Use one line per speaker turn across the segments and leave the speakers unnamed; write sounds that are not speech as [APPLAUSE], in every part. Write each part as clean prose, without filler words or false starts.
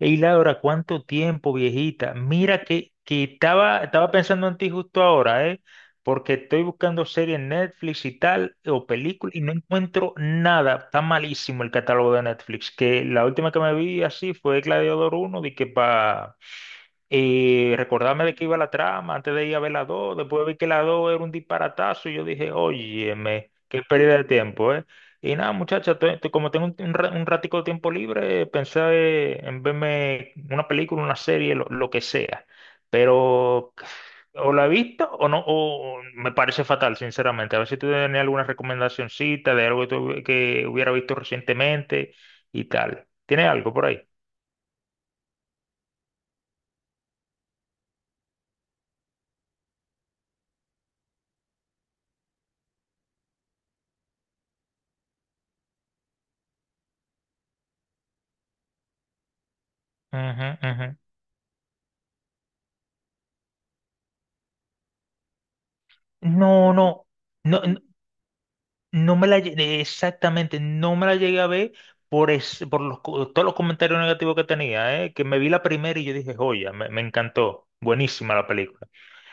Ey, Laura, ¿cuánto tiempo, viejita? Mira que estaba pensando en ti justo ahora, ¿eh? Porque estoy buscando series en Netflix y tal, o películas, y no encuentro nada. Está malísimo el catálogo de Netflix. Que la última que me vi así fue Gladiador uno de que para recordarme de qué iba la trama, antes de ir a ver la 2, después vi que la 2 era un disparatazo, y yo dije, óyeme, qué pérdida de tiempo, ¿eh? Y nada, muchacha, como tengo un ratico de tiempo libre, pensé en verme una película, una serie, lo que sea. Pero o la he visto o no, o me parece fatal, sinceramente. A ver si tú tienes alguna recomendacioncita de algo que hubiera visto recientemente y tal. ¿Tienes algo por ahí? Ujú, ujú. No, no, no. No me exactamente, no me la llegué a ver por todos los comentarios negativos que tenía, que me vi la primera y yo dije, joya, me encantó, buenísima la película.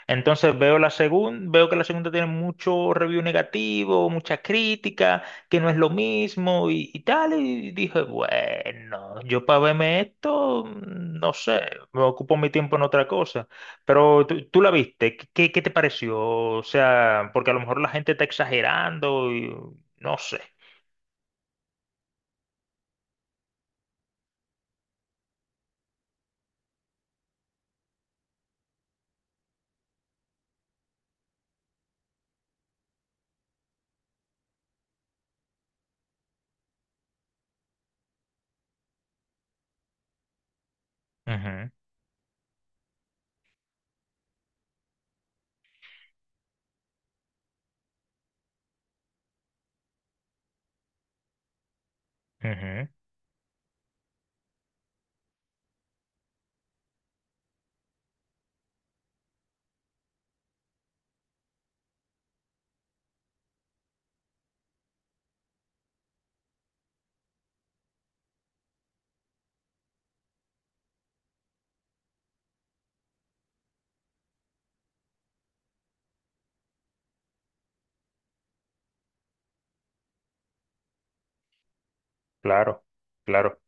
Entonces veo la segunda, veo que la segunda tiene mucho review negativo, mucha crítica, que no es lo mismo y tal. Y dije, bueno, yo para verme esto, no sé, me ocupo mi tiempo en otra cosa. Pero tú la viste, ¿qué qué te pareció? O sea, porque a lo mejor la gente está exagerando y no sé. Ujú, ujú, claro, claro.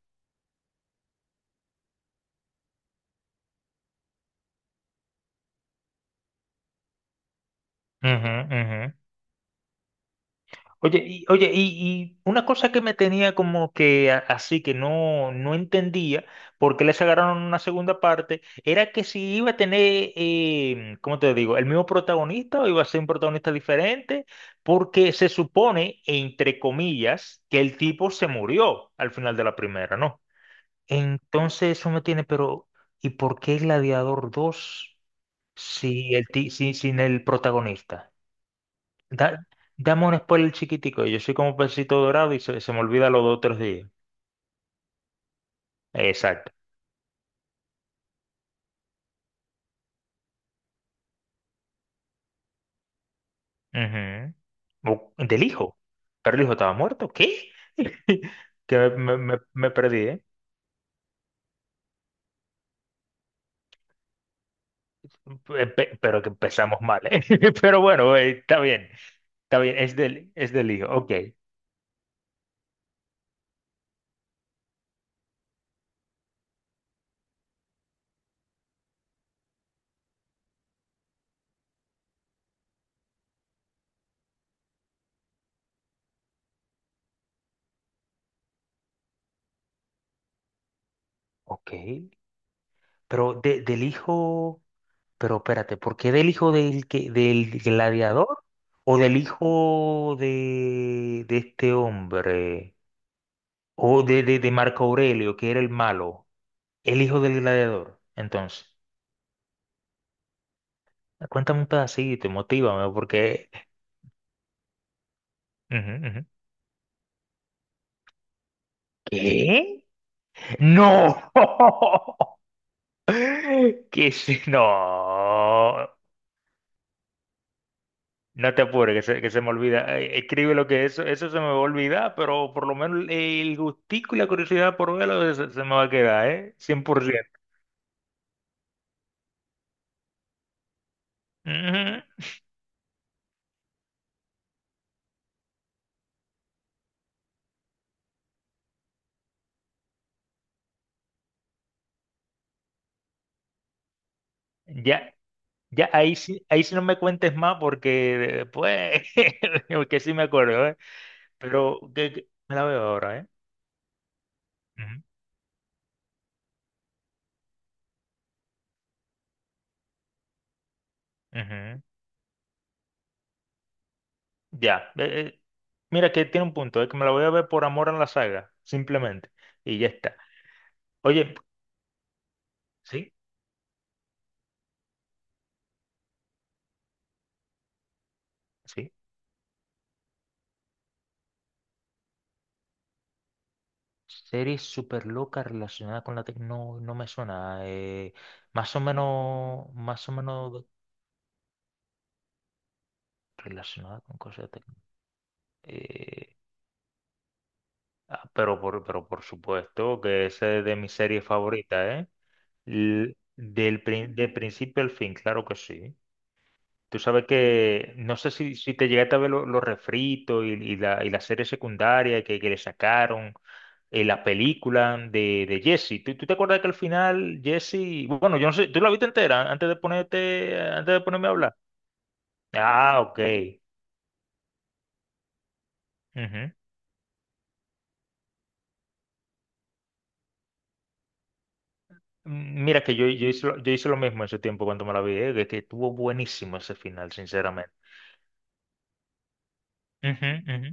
Ujú, ujú. Oye, y una cosa que me tenía como que así que no, no entendía por qué les agarraron una segunda parte, era que si iba a tener, ¿cómo te digo?, el mismo protagonista o iba a ser un protagonista diferente, porque se supone, entre comillas, que el tipo se murió al final de la primera, ¿no? Entonces eso me tiene, pero ¿y por qué Gladiador 2 si, sin el protagonista? Da- dame un spoiler chiquitico. Yo soy como pesito dorado y se me olvida los dos otros días. Exacto. Ujú. O- Del hijo. Pero el hijo estaba muerto. ¿Qué? [LAUGHS] Que me perdí, ¿eh? Pero que empezamos mal, ¿eh? [LAUGHS] Pero bueno, está bien. Está bien. Es es del hijo. Ok. Ok. Pero del hijo. Pero espérate, ¿por qué del hijo del gladiador? ¿O del hijo de este hombre? O de Marco Aurelio, que era el malo, el hijo del gladiador. Entonces, cuéntame un pedacito, motívame, porque... Ujú, ujú. ¿Qué? ¡No! [LAUGHS] ¿Qué es- No. No te apures, que se me olvida. Escribe lo que eso se me va a olvidar, pero por lo menos el gustico y la curiosidad por se me va a quedar, ¿eh? 100%. Ujú. Ya. Ahí sí no me cuentes más porque pues, [LAUGHS] que sí me acuerdo, ¿eh? Pero me la veo ahora, ¿eh? Ujú, ujú. Ya. Mira que tiene un punto, es que me la voy a ver por amor a la saga, simplemente. Y ya está. Oye, sí, sí. Serie súper loca relacionada con la tecnología, no, no me suena. Más o menos relacionada con cosas de tecnología. Eh, pero pero por supuesto que esa es de mis series favoritas, ¿eh? Del, de principio al fin, claro que sí. Tú sabes que, no sé si te llegaste a ver los refritos y y la serie secundaria que le sacaron, la película de Jesse. Tú te acuerdas que al final Jesse, bueno, yo no sé, ¿tú la viste entera antes de ponerte, antes de ponerme a hablar? Ah, ok. Ujú. Mm, mira que yo hice, yo hice lo mismo en su tiempo cuando me la vi, que estuvo buenísimo ese final, sinceramente. Ujú, ujú.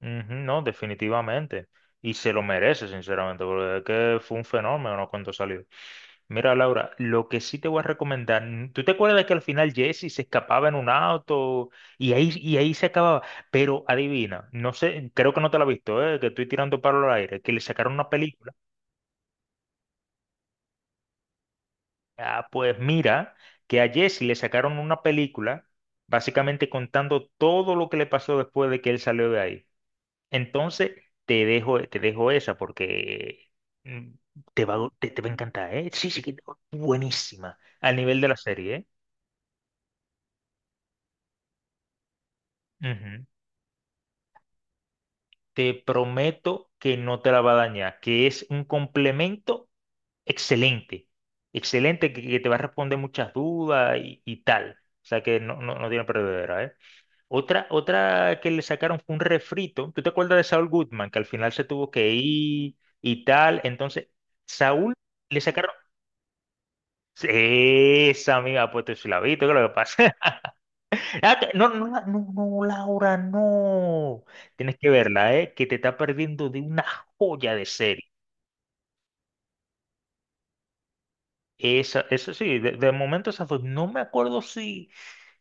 Ujú, no, definitivamente. Y se lo merece, sinceramente, porque es que fue un fenómeno, ¿no?, cuando salió. Mira, Laura, lo que sí te voy a recomendar, ¿tú te acuerdas que al final Jesse se escapaba en un auto y ahí se acababa? Pero adivina, no sé, creo que no te la has visto, ¿eh?, que estoy tirando palo al aire, que le sacaron una película. Ah, pues mira, que a Jesse le sacaron una película, básicamente contando todo lo que le pasó después de que él salió de ahí. Entonces, te dejo esa porque mm, te va a encantar, ¿eh? Sí, buenísima. Al nivel de la serie, ¿eh? Ujú. Te prometo que no te la va a dañar, que es un complemento excelente. Excelente, que te va a responder muchas dudas y tal. O sea que no, no, no tiene perdedera, ¿eh? Otra que le sacaron fue un refrito. ¿Tú te acuerdas de Saul Goodman, que al final se tuvo que ir y tal? Entonces, Saúl le sacaron. Sí, esa amiga ha puesto su labito, ¿qué es lo que pasa? [LAUGHS] Ah, no, no, no, no, Laura, no. Tienes que verla, ¿eh?, que te está perdiendo de una joya de serie. Esa sí, de momento esas dos. No me acuerdo si,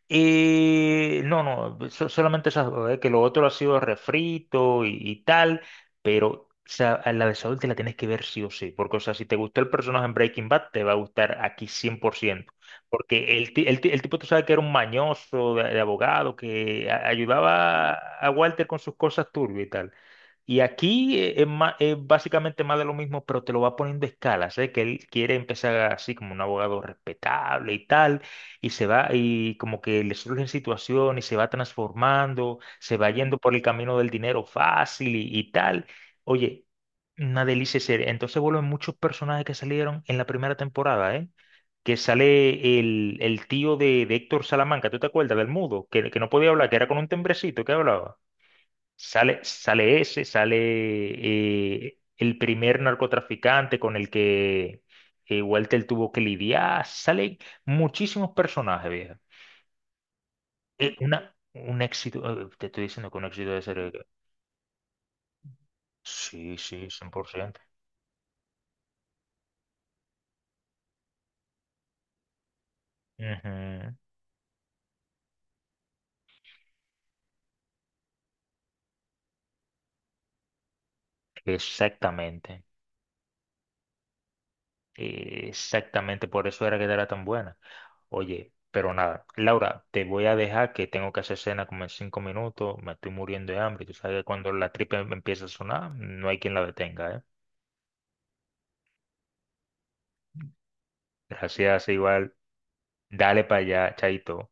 No, solamente esas, dos, que lo otro ha sido refrito y tal, pero o sea, a la de Saúl te la tienes que ver sí o sí, porque o sea, si te gustó el personaje en Breaking Bad, te va a gustar aquí cien por ciento, porque el tipo tú sabes que era un mañoso de abogado que ayudaba a Walter con sus cosas turbias y tal, y aquí es básicamente más de lo mismo, pero te lo va poniendo a escala. Sé que él quiere empezar así como un abogado respetable y tal, y como que le surgen situaciones y se va transformando, se va yendo por el camino del dinero fácil y tal. Oye, una delicia serie. Entonces vuelven muchos personajes que salieron en la primera temporada, ¿eh? Que sale el tío de Héctor Salamanca, ¿tú te acuerdas del mudo? Que no podía hablar, que era con un tembrecito que hablaba. Sale ese, sale el primer narcotraficante con el que Walter tuvo que lidiar. Salen muchísimos personajes, vieja. Un éxito, te estoy diciendo que un éxito de serie. Sí, sí, 100%. Ujú, exactamente. Exactamente, por eso era que era tan buena. Oye, pero nada, Laura, te voy a dejar que tengo que hacer cena como en 5 minutos, me estoy muriendo de hambre. Tú sabes que cuando la tripa empieza a sonar, no hay quien la detenga, ¿eh? Gracias, igual, dale para allá, chaito.